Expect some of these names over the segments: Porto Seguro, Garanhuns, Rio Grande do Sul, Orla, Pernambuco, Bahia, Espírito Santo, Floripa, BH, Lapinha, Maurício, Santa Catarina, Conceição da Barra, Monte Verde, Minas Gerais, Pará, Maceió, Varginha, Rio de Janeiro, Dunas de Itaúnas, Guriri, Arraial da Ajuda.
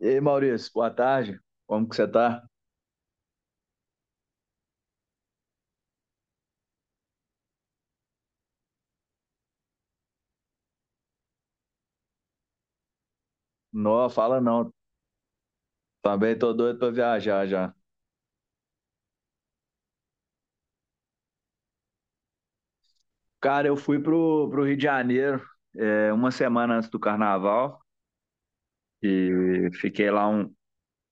E aí, Maurício, boa tarde. Como que você tá? Não, fala não. Também tô doido pra viajar já. Cara, eu fui pro Rio de Janeiro uma semana antes do carnaval e fiquei lá,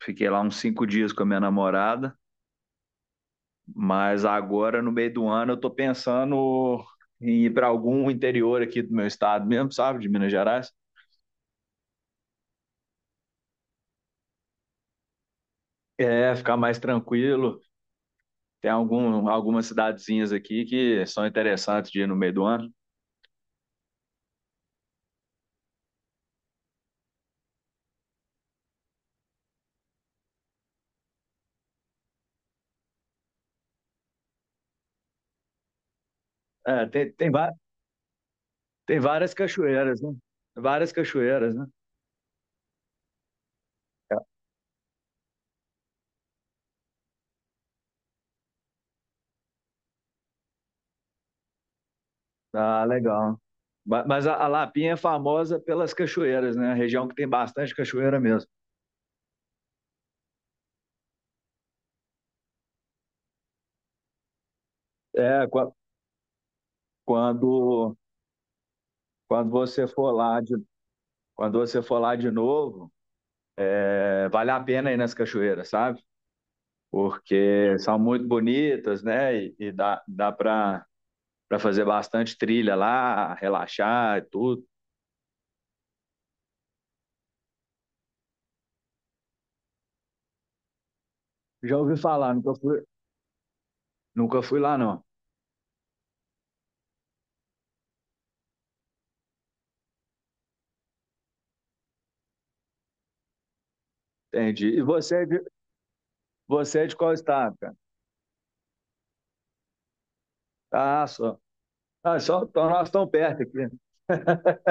fiquei lá uns cinco dias com a minha namorada, mas agora, no meio do ano, eu tô pensando em ir pra algum interior aqui do meu estado mesmo, sabe? De Minas Gerais. É, ficar mais tranquilo. Tem algumas cidadezinhas aqui que são interessantes de ir no meio do ano. É, tem, tem, va- Tem várias cachoeiras, né? Várias cachoeiras, né? Ah, legal. Mas a Lapinha é famosa pelas cachoeiras, né? A região que tem bastante cachoeira mesmo. É, qua- quando, quando você quando você for lá de novo, vale a pena ir nas cachoeiras, sabe? Porque são muito bonitas, né? E, dá para para fazer bastante trilha lá, relaxar e tudo. Já ouvi falar, nunca fui, nunca fui lá, não. Entendi. Você é de qual estado, cara? Ah, só. Ah, só, então nós estamos perto aqui.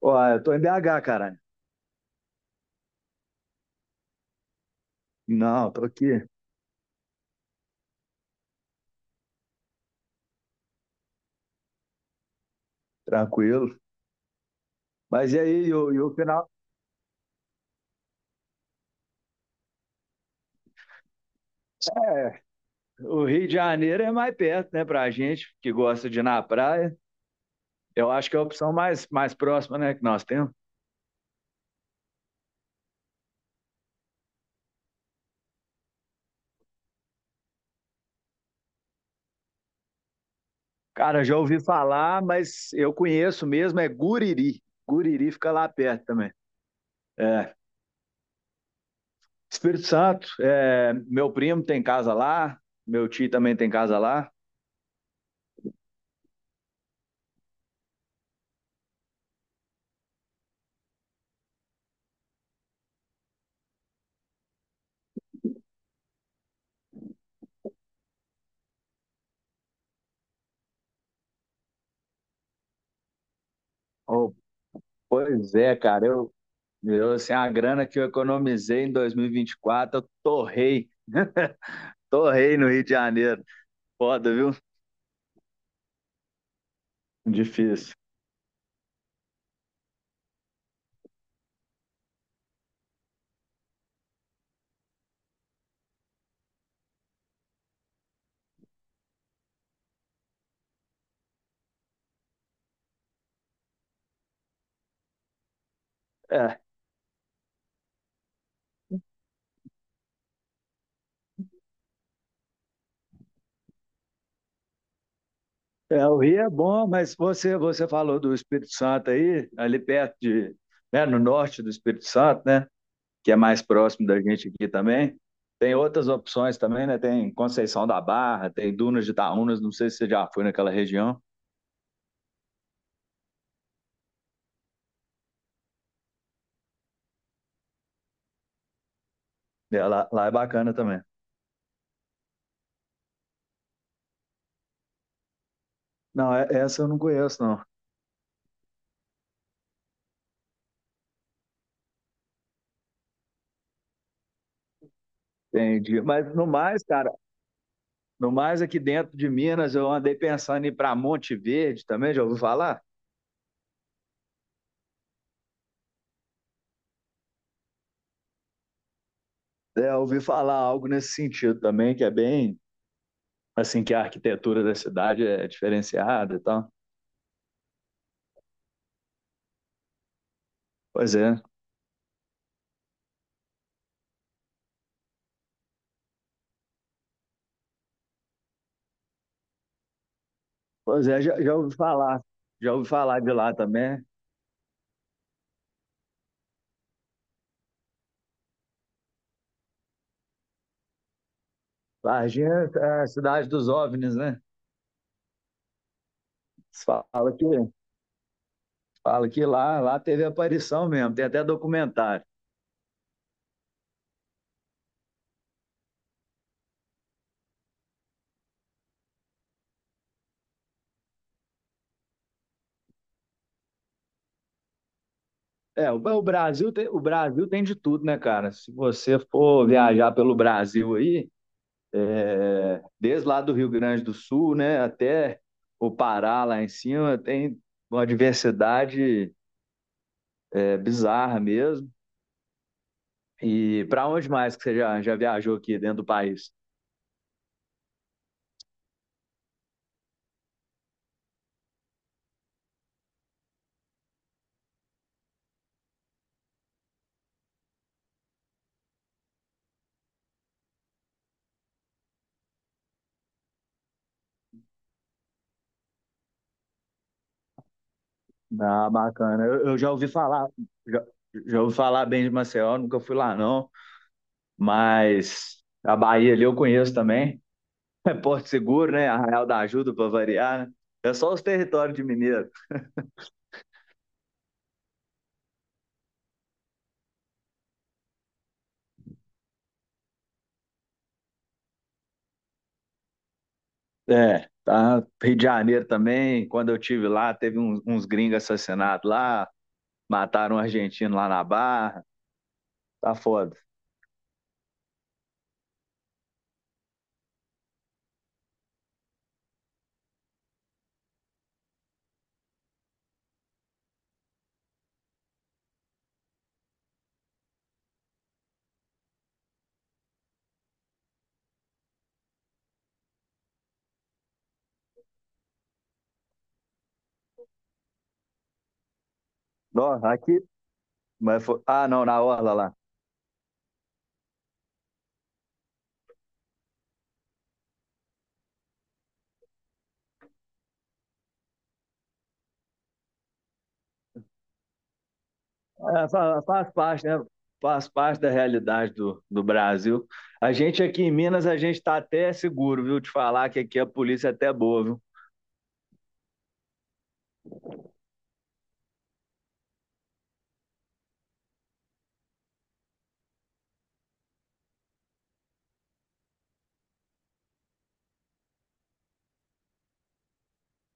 Ó, eu tô em BH, caralho. Não, tô aqui, tranquilo. Mas e aí, e o final? É, o Rio de Janeiro é mais perto, né, pra gente que gosta de ir na praia. Eu acho que é a opção mais próxima, né, que nós temos. Cara, já ouvi falar, mas eu conheço mesmo, é Guriri. Guriri fica lá perto também. É, Espírito Santo, é, meu primo tem casa lá, meu tio também tem casa lá. Oh, pois é, Eu, assim, a grana que eu economizei em 2024, eu torrei, torrei no Rio de Janeiro. Foda, viu? Difícil. É, é, o Rio é bom, mas você falou do Espírito Santo aí, né, no norte do Espírito Santo, né? Que é mais próximo da gente aqui também. Tem outras opções também, né? Tem Conceição da Barra, tem Dunas de Itaúnas, não sei se você já foi naquela região. É, lá é bacana também. Não, essa eu não conheço, não. Entendi. No mais, aqui dentro de Minas, eu andei pensando em ir para Monte Verde também, já ouviu falar? É, eu ouvi falar algo nesse sentido também, que é assim, que a arquitetura da cidade é diferenciada e tal. Pois é, pois é, já ouvi falar de lá também. Varginha é a cidade dos OVNIs, né? Fala que, fala que lá teve aparição mesmo, tem até documentário. O Brasil tem de tudo, né, cara? Se você for viajar pelo Brasil aí, desde lá do Rio Grande do Sul, né, até o Pará lá em cima, tem uma diversidade bizarra mesmo. E para onde mais que você já viajou aqui dentro do país? Ah, bacana. Eu já ouvi falar, já, já ouvi falar bem de Maceió, nunca fui lá não, mas a Bahia ali eu conheço também. Porto Seguro, né? Arraial da Ajuda para variar, né? É só os territórios de Mineiro. É, tá. Rio de Janeiro também, quando eu tive lá, teve uns gringos assassinados lá, mataram um argentino lá na Barra, tá foda. Ó, aqui, não, na Orla lá. É, faz parte, né? Faz parte da realidade do Brasil. A gente aqui em Minas, a gente tá até seguro, viu? Te falar que aqui a polícia é até boa, viu?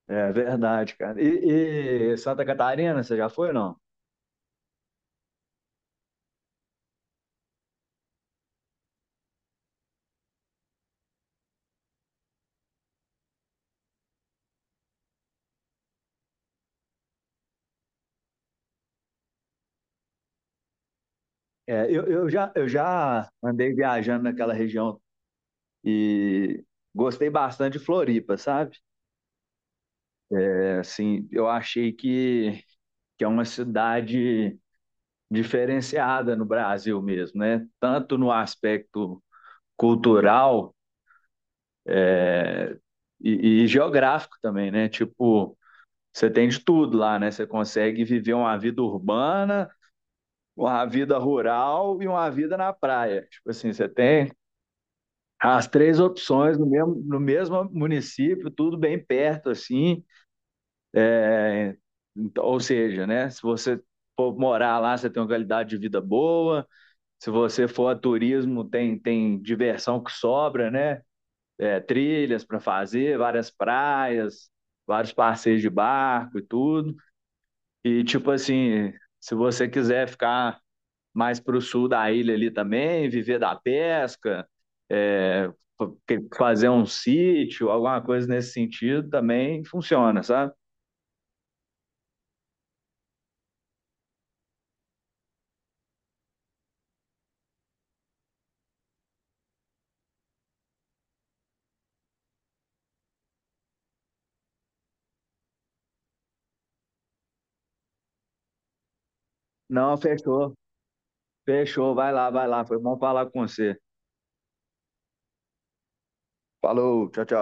É verdade, cara. E Santa Catarina, você já foi ou não? É, eu já andei viajando naquela região e gostei bastante de Floripa, sabe? É, assim, que é uma cidade diferenciada no Brasil mesmo, né? Tanto no aspecto cultural e geográfico também, né? Tipo, você tem de tudo lá, né? Você consegue viver uma vida urbana, uma vida rural e uma vida na praia. Tipo assim, você tem as três opções no mesmo, no mesmo município, tudo bem perto, assim. É, então, ou seja, né? Se você for morar lá, você tem uma qualidade de vida boa. Se você for a turismo, tem, tem diversão que sobra, né? É, trilhas para fazer, várias praias, vários passeios de barco e tudo. E, tipo assim, se você quiser ficar mais para o sul da ilha ali também, viver da pesca, é, fazer um sítio, alguma coisa nesse sentido também funciona, sabe? Não, fechou, fechou, vai lá, foi bom falar com você. Falou, tchau, tchau.